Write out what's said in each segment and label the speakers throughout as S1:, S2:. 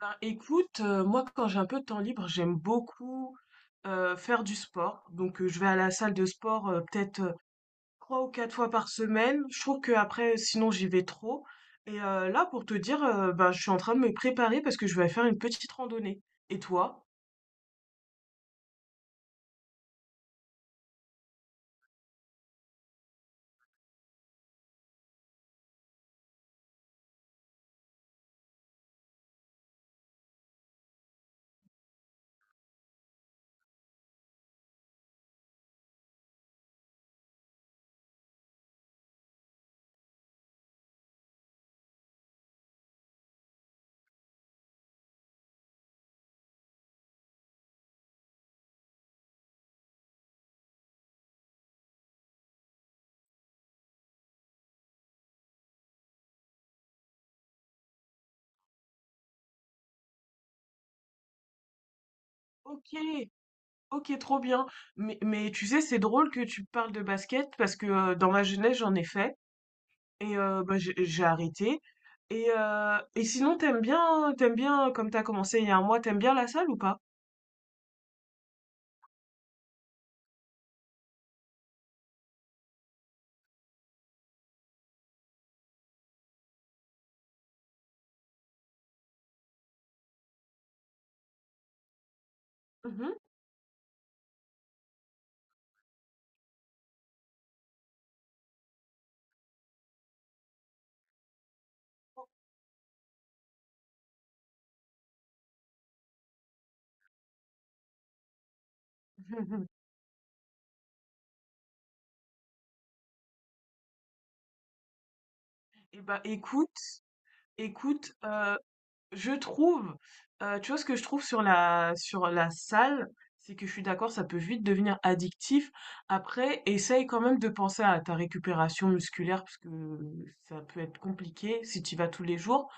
S1: Ben, écoute, moi quand j'ai un peu de temps libre, j'aime beaucoup faire du sport. Donc je vais à la salle de sport peut-être trois ou quatre fois par semaine. Je trouve que après, sinon j'y vais trop. Et là, pour te dire, ben, je suis en train de me préparer parce que je vais faire une petite randonnée. Et toi? Ok, ok, trop bien. Mais tu sais, c'est drôle que tu parles de basket parce que dans ma jeunesse, j'en ai fait. Et bah, j'ai arrêté. Et sinon, t'aimes bien comme t'as commencé il y a un mois, t'aimes bien la salle ou pas? Mmh. Mh. Et bah, écoute, je trouve, tu vois ce que je trouve sur la salle, c'est que je suis d'accord, ça peut vite devenir addictif. Après, essaye quand même de penser à ta récupération musculaire parce que ça peut être compliqué si tu y vas tous les jours.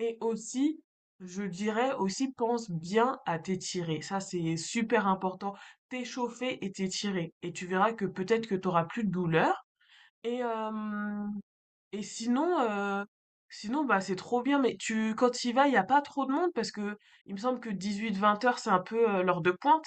S1: Et aussi, je dirais aussi, pense bien à t'étirer. Ça, c'est super important. T'échauffer et t'étirer. Et tu verras que peut-être que t'auras plus de douleur. Et, euh, et sinon, bah, c'est trop bien. Mais quand tu y vas, il n'y a pas trop de monde parce que il me semble que 18h-20h, c'est un peu l'heure de pointe.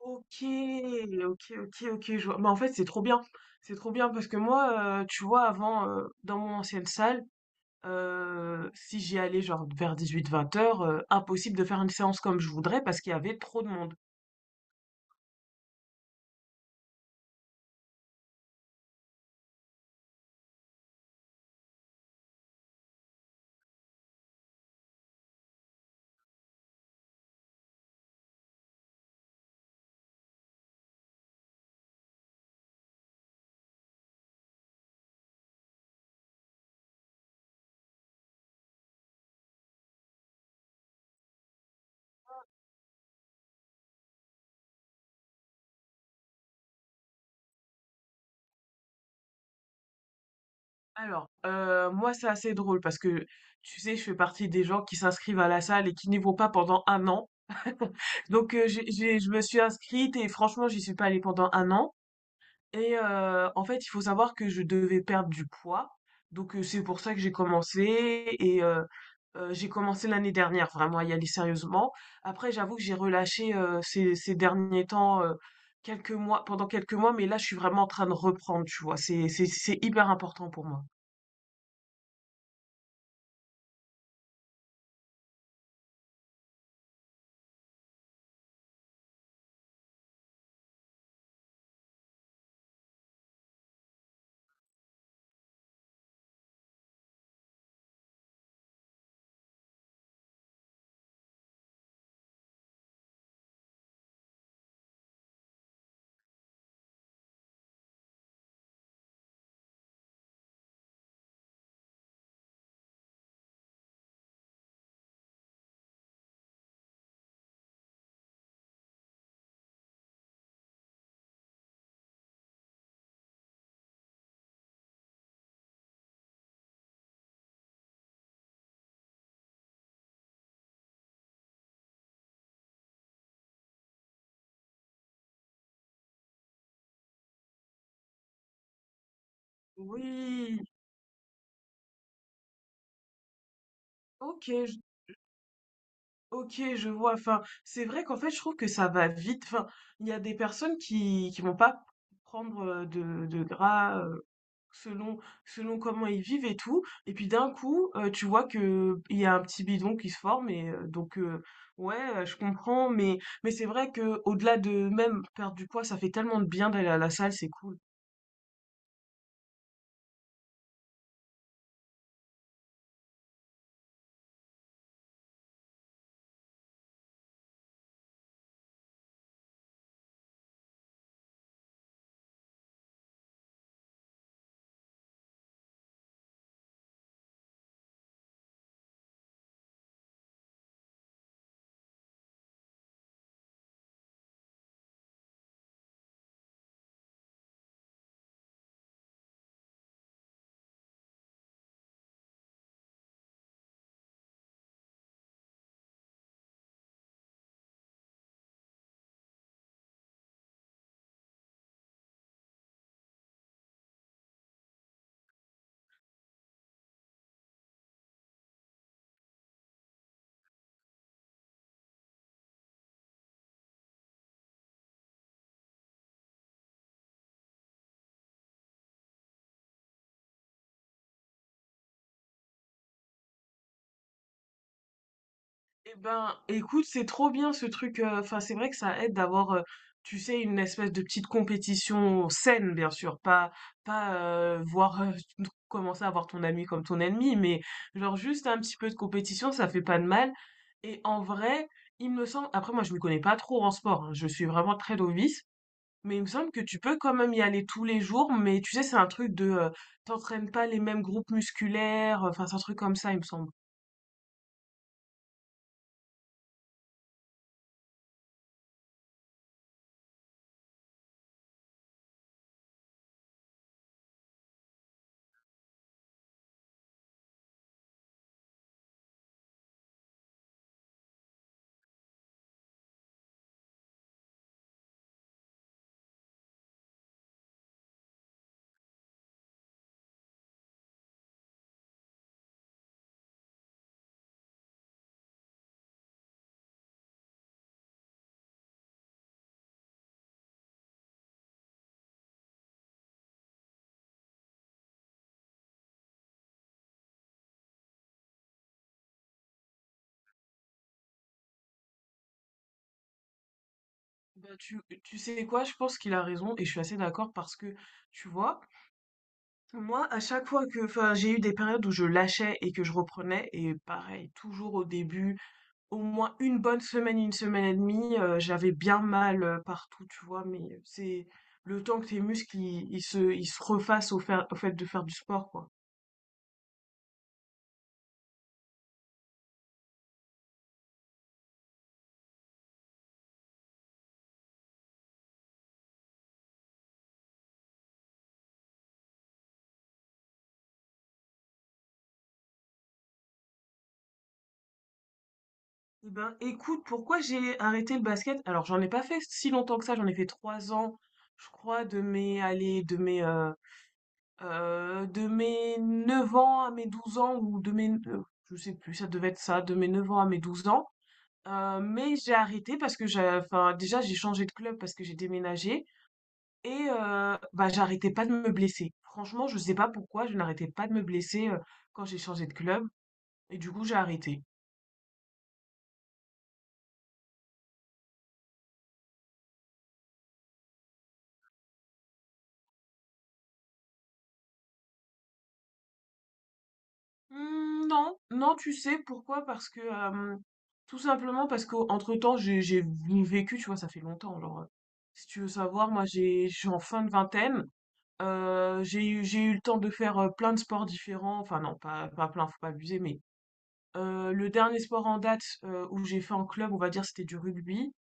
S1: Ok, ok, ok, ok, je vois. Bah, en fait, c'est trop bien. C'est trop bien parce que moi, tu vois, avant, dans mon ancienne salle, si j'y allais genre vers 18h-20h, impossible de faire une séance comme je voudrais parce qu'il y avait trop de monde. Alors, moi, c'est assez drôle parce que, tu sais, je fais partie des gens qui s'inscrivent à la salle et qui n'y vont pas pendant un an. Donc, je me suis inscrite et franchement, j'y suis pas allée pendant un an. Et en fait, il faut savoir que je devais perdre du poids, donc c'est pour ça que j'ai commencé et j'ai commencé l'année dernière vraiment à y aller sérieusement. Après, j'avoue que j'ai relâché, ces derniers temps, quelques mois, mais là, je suis vraiment en train de reprendre, tu vois? C'est hyper important pour moi. Oui, OK, je OK, je vois. Enfin, c'est vrai qu'en fait, je trouve que ça va vite. Enfin, il y a des personnes qui vont pas prendre, de gras, Selon selon comment ils vivent et tout et puis d'un coup, tu vois que il y a un petit bidon qui se forme. Et ouais, je comprends, mais c'est vrai que au delà de même perdre du poids, ça fait tellement de bien d'aller à la salle, c'est cool. Eh ben, écoute, c'est trop bien ce truc. Enfin, c'est vrai que ça aide d'avoir, tu sais, une espèce de petite compétition saine, bien sûr. Pas voir commencer à voir ton ami comme ton ennemi, mais genre juste un petit peu de compétition, ça fait pas de mal. Et en vrai, il me semble. Après, moi, je me connais pas trop en sport, hein. Je suis vraiment très novice. Mais il me semble que tu peux quand même y aller tous les jours. Mais tu sais, c'est un truc de, t'entraînes pas les mêmes groupes musculaires. Enfin, c'est un truc comme ça, il me semble. Bah, tu sais quoi, je pense qu'il a raison et je suis assez d'accord parce que, tu vois, moi, à chaque fois que, enfin, j'ai eu des périodes où je lâchais et que je reprenais, et pareil, toujours au début, au moins une bonne semaine, une semaine et demie, j'avais bien mal partout, tu vois, mais c'est le temps que tes muscles, ils se refassent au fait de faire du sport, quoi. Eh ben, écoute, pourquoi j'ai arrêté le basket? Alors, j'en ai pas fait si longtemps que ça, j'en ai fait 3 ans, je crois, de mes, allez, de mes 9 ans à mes 12 ans, ou de mes je sais plus, ça devait être ça, de mes 9 ans à mes 12 ans. Mais j'ai arrêté parce que déjà j'ai changé de club parce que j'ai déménagé. Et bah, j'arrêtais pas de me blesser. Franchement, je sais pas pourquoi, je n'arrêtais pas de me blesser, quand j'ai changé de club et du coup j'ai arrêté. Mmh, non, non, tu sais pourquoi? Parce que, tout simplement parce qu'entre-temps j'ai vécu, tu vois? Ça fait longtemps, genre, si tu veux savoir, moi j'ai je suis en fin de vingtaine. J'ai eu le temps de faire, plein de sports différents, enfin non, pas plein, faut pas abuser, mais le dernier sport en date, où j'ai fait en club, on va dire, c'était du rugby.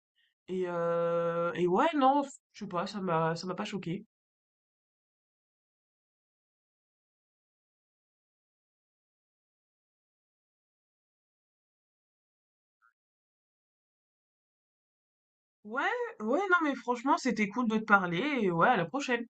S1: Et ouais, non, je sais pas, ça m'a pas choqué. Ouais, ouais, non, mais franchement, c'était cool de te parler et ouais, à la prochaine.